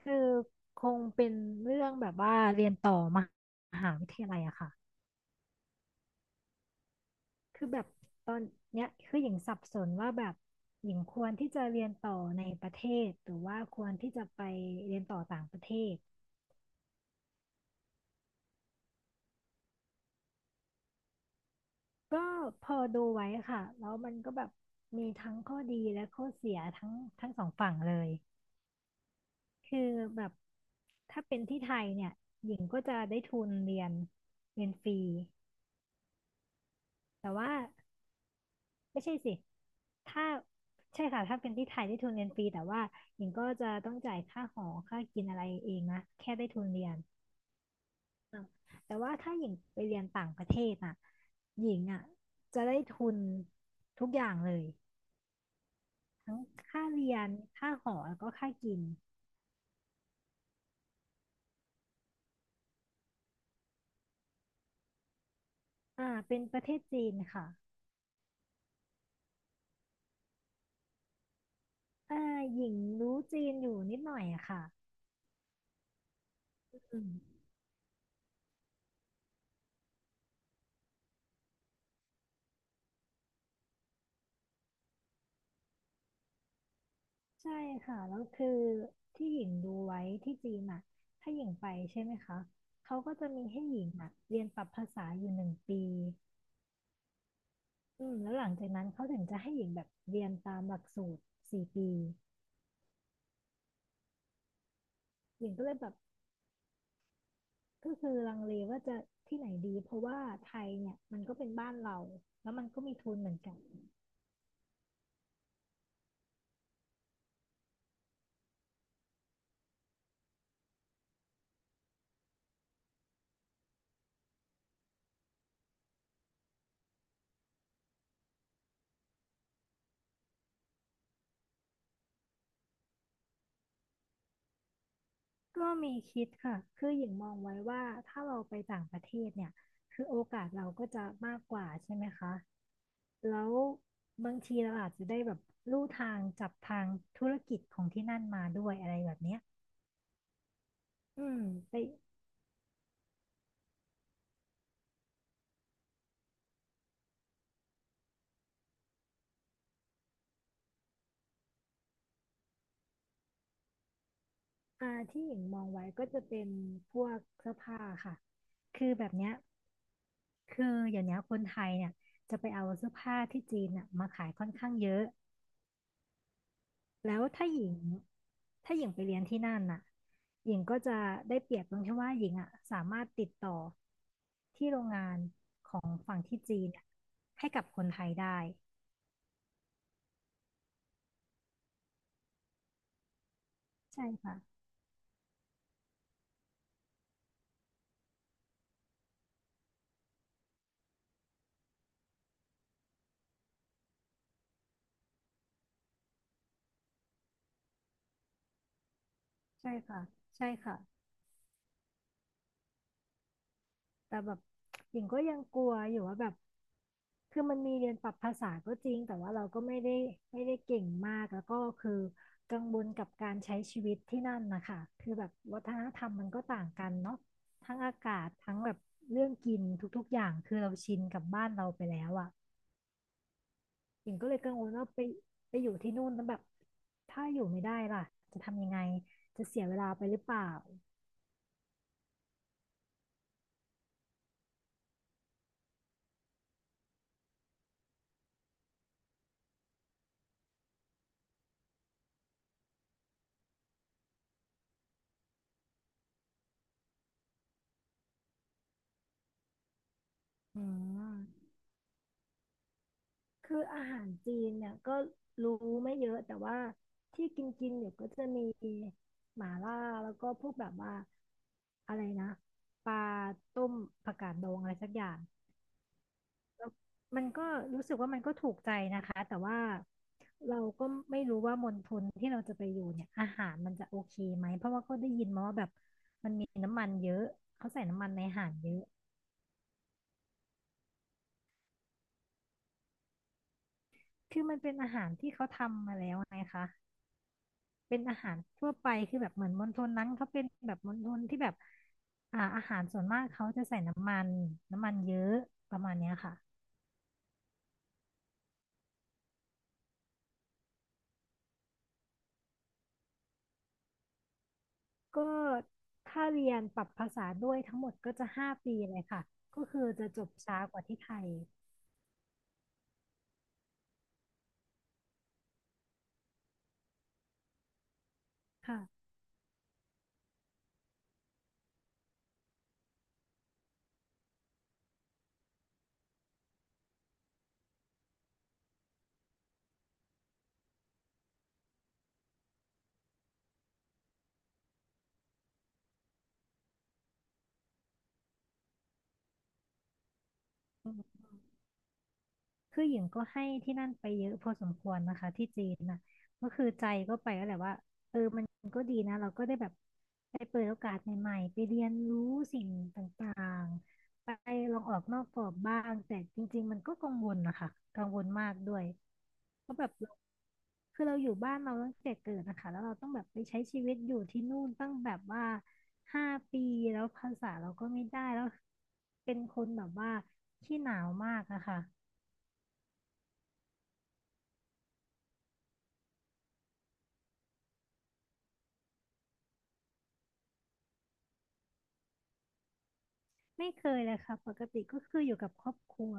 คือคงเป็นเรื่องแบบว่าเรียนต่อมหาวิทยาลัยอะค่ะคือแบบตอนเนี้ยคือหญิงสับสนว่าแบบหญิงควรที่จะเรียนต่อในประเทศหรือว่าควรที่จะไปเรียนต่อต่างประเทศ ก็พอดูไว้ค่ะแล้วมันก็แบบมีทั้งข้อดีและข้อเสียทั้งสองฝั่งเลย คือแบบถ้าเป็นที่ไทยเนี่ยหญิงก็จะได้ทุนเรียนฟรีแต่ว่า ไม่ใช่สิ ถ้าใช่ค่ะ ถ้าเป็นที่ไทยได้ทุนเรียนฟรีแต่ว่าหญิงก็จะต้องจ่ายค่าหอค่ากินอะไรเองนะแค่ได้ทุนเรียนแต่ว่าถ้าหญิงไปเรียนต่างประเทศน่ะหญิงอ่ะจะได้ทุนทุกอย่างเลยทั้งค่าเรียนค่าหอแล้วก็ค่ากินเป็นประเทศจีนค่ะอ่าหญิงรู้จีนอยู่นิดหน่อยอะค่ะอืม ใช่ค่ะแล้วคือที่หญิงดูไว้ที่จีนอ่ะถ้าหญิงไปใช่ไหมคะเขาก็จะมีให้หญิงอ่ะเรียนปรับภาษาอยู่1 ปีแล้วหลังจากนั้นเขาถึงจะให้หญิงแบบเรียนตามหลักสูตร4 ปีหญิงก็เลยแบบก็คือลังเลว่าจะที่ไหนดีเพราะว่าไทยเนี่ยมันก็เป็นบ้านเราแล้วมันก็มีทุนเหมือนกัน ก็มีคิดค่ะ คือหญิงมองไว้ว่าถ้าเราไปต่างประเทศเนี่ย คือโอกาสเราก็จะมากกว่าใช่ไหมคะ แล้วบางทีเราอาจจะได้แบบลู่ทางจับทางธุรกิจของที่นั่นมาด้วยอะไรแบบเนี้ยอืมไปที่หญิงมองไว้ก็จะเป็นพวกเสื้อผ้าค่ะคือแบบเนี้ยคืออย่างเนี้ยคนไทยเนี่ยจะไปเอาเสื้อผ้าที่จีนน่ะมาขายค่อนข้างเยอะ แล้วถ้าหญิงไปเรียนที่นั่นน่ะหญิงก็จะได้เปรียบตรงที่ว่าหญิงอ่ะสามารถติดต่อที่โรงงานของฝั่งที่จีนอะให้กับคนไทยได้ใช่ค่ะใช่ค่ะใช่ค่ะ แต่แบบหญิงก็ยังกลัวอยู่ว่าแบบคือมันมีเรียนปรับภาษาก็จริงแต่ว่าเราก็ไม่ได้เก่งมากแล้วก็คือกังวลกับการใช้ชีวิตที่นั่นนะคะคือแบบวัฒนธรรมมันก็ต่างกันเนาะทั้งอากาศทั้งแบบเรื่องกินทุกๆอย่างคือเราชินกับบ้านเราไปแล้วอ่ะหญิงก็เลยกังวลว่าไปอยู่ที่นู่นแล้วแบบถ้าอยู่ไม่ได้ล่ะจะทำยังไงจะเสียเวลาไปหรือเปล่าอืม คืออาหารจีนเนี่ยก็รู้ไม่เยอะแต่ว่าที่กินกินอยู่ก็จะมีหม่าล่าแล้วก็พวกแบบว่าอะไรนะปลาต้มผักกาดดองอะไรสักอย่างมันก็รู้สึกว่ามันก็ถูกใจนะคะแต่ว่าเราก็ไม่รู้ว่ามณฑลที่เราจะไปอยู่เนี่ยอาหารมันจะโอเคไหมเพราะว่าก็ได้ยินมาว่าแบบมันมีน้ำมันเยอะเขาใส่น้ำมันในอาหารเยอะคือมันเป็นอาหารที่เขาทำมาแล้วไงคะ เป็นอาหารทั่วไปคือแบบเหมือนมณฑลนั้นเขาเป็นแบบมณฑลที่แบบอาหารส่วนมากเขาจะใส่น้ำมันเยอะประมาณเนี้ยค่ะก็ถ้าเรียนปรับภาษาด้วยทั้งหมดก็จะ5 ปีเลยค่ะก็คือจะจบช้ากว่าที่ไทยค่ะ คือหญิงก็ให้ที่นั่นไปเยอะพอสมควรนะคะที่จีนนะก็คือใจก็ไปแล้วแหละว่าเออมันก็ดีนะเราก็ได้แบบไปเปิดโอกาสใหม่ๆไปเรียนรู้สิ่งต่างๆไปลองออกนอกกรอบบ้างแต่จริงๆมันก็กังวลนะคะกังวลมากด้วยเพราะแบบเราคือเราอยู่บ้านเราตั้งแต่เกิดนะคะแล้วเราต้องแบบไปใช้ชีวิตอยู่ที่นู่นตั้งแบบว่าห้าปีแล้วภาษาเราก็ไม่ได้แล้วเป็นคนแบบว่าขี้หนาวมากอะค่ะ ไม่เคยเลยค่ะปกติก็คืออยู่กับครอบครัว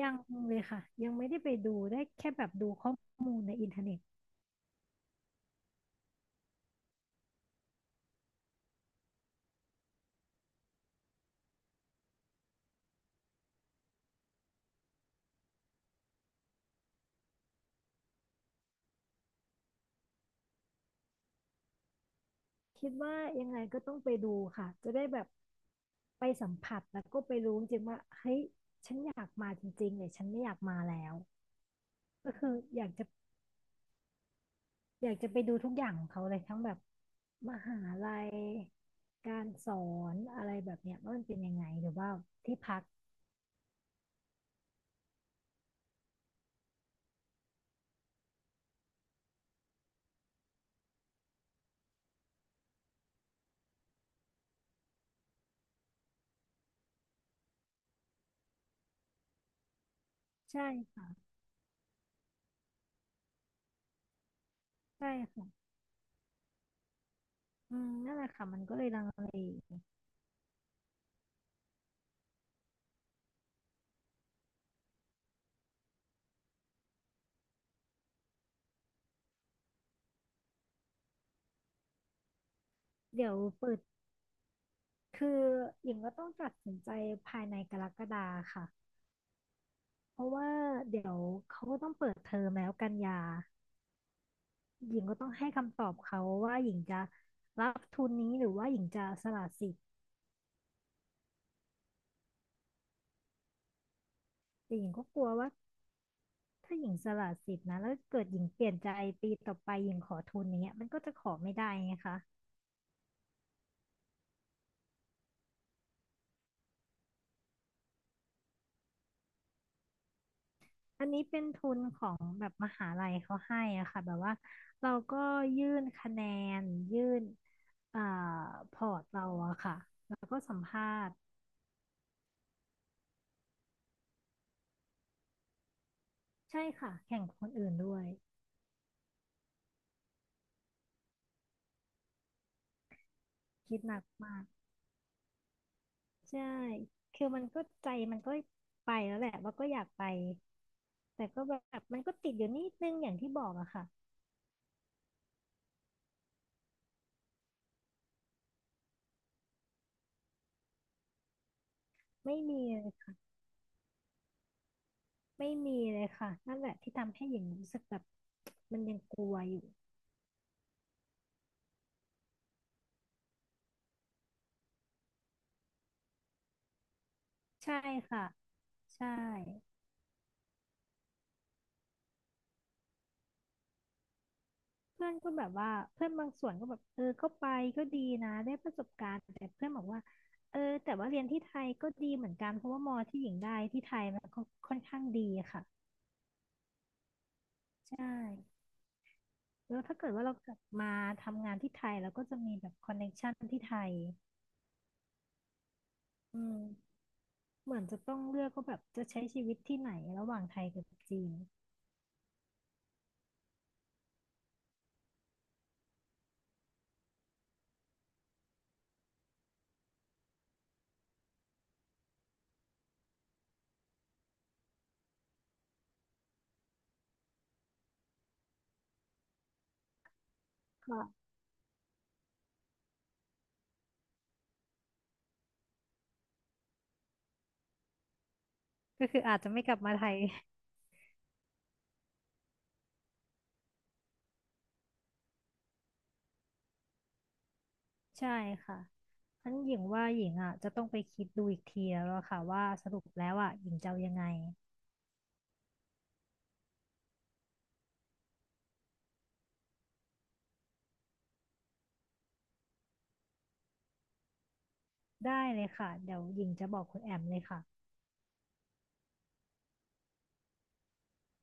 ยังเลยค่ะยังไม่ได้ไปดูได้แค่แบบดูข้อมูลในอินเทอร์เน็ตคิดว่ายังไงก็ต้องไปดูค่ะจะได้แบบไปสัมผัสแล้วก็ไปรู้จริงๆว่าเฮ้ยฉันอยากมาจริงๆเนี่ยฉันไม่อยากมาแล้วก็คืออยากจะไปดูทุกอย่างของเขาเลยทั้งแบบมหาลัยการสอนอะไรแบบเนี้ยว่ามันเป็นยังไงหรือว่าที่พักใช่ค่ะใช่ค่ะอืมนั่นแหละค่ะมันก็เลยลังเล เดี๋ยวเปิดคือหญิงก็ต้องตัดสินใจภายในกรกฎาค่ะเพราะว่าเดี๋ยวเขาก็ต้องเปิดเทอมแล้วกันยาหญิงก็ต้องให้คำตอบเขาว่าหญิงจะรับทุนนี้หรือว่าหญิงจะสละสิทธิ์แต่หญิงก็กลัวว่าถ้าหญิงสละสิทธิ์นะแล้วเกิดหญิงเปลี่ยนใจปีต่อไปหญิงขอทุนนี้ยมันก็จะขอไม่ได้ไงคะ อันนี้เป็นทุนของแบบมหาลัยเขาให้อะค่ะแบบว่าเราก็ยื่นคะแนนยื่นเอ่อพอร์ตเราอะค่ะแล้วก็สัมภาษณ์ใช่ค่ะแข่งกับคนอื่นด้วยคิดหนักมากใช่คือมันก็ใจมันก็ไปแล้วแหละว่าก็อยากไปแต่ก็แบบมันก็ติดอยู่นิดนึงอย่างที่บอกอะค่ะไม่มีเลยไม่มีเลยค่ะนั่นแหละที่ทำให้หญิงรู้สึกแบบมันยังกลัวอยู่ใช่ค่ะใช่ เพื่อนก็แบบว่าเพื่อนบางส่วนก็แบบเออก็ไปก็ดีนะได้ประสบการณ์แต่เพื่อนบอกว่าเออแต่ว่าเรียนที่ไทยก็ดีเหมือนกันเพราะว่ามอที่หญิงได้ที่ไทยมันก็ค่อนข้างดีค่ะใช่แล้วถ้าเกิดว่าเรากลับมาทำงานที่ไทยเราก็จะมีแบบคอนเน c t ชันที่ไทยอืมเหมือนจะต้องเลือกว่าแบบจะใช้ชีวิตที่ไหนระหว่างไทยกับจีนก็ก็คืออาจจะไม่กลับมาไทย ใช่ค่ะฉันหญิงว่าหญิงอ่ะจะต้องไปคิดดูอีกทีแล้วอะค่ะว่าสรุปแล้วอ่ะหญิงจะเอายังไงได้เลยค่ะเดี๋ยวหญิงจะบอกคุณแอมเลยค่ะ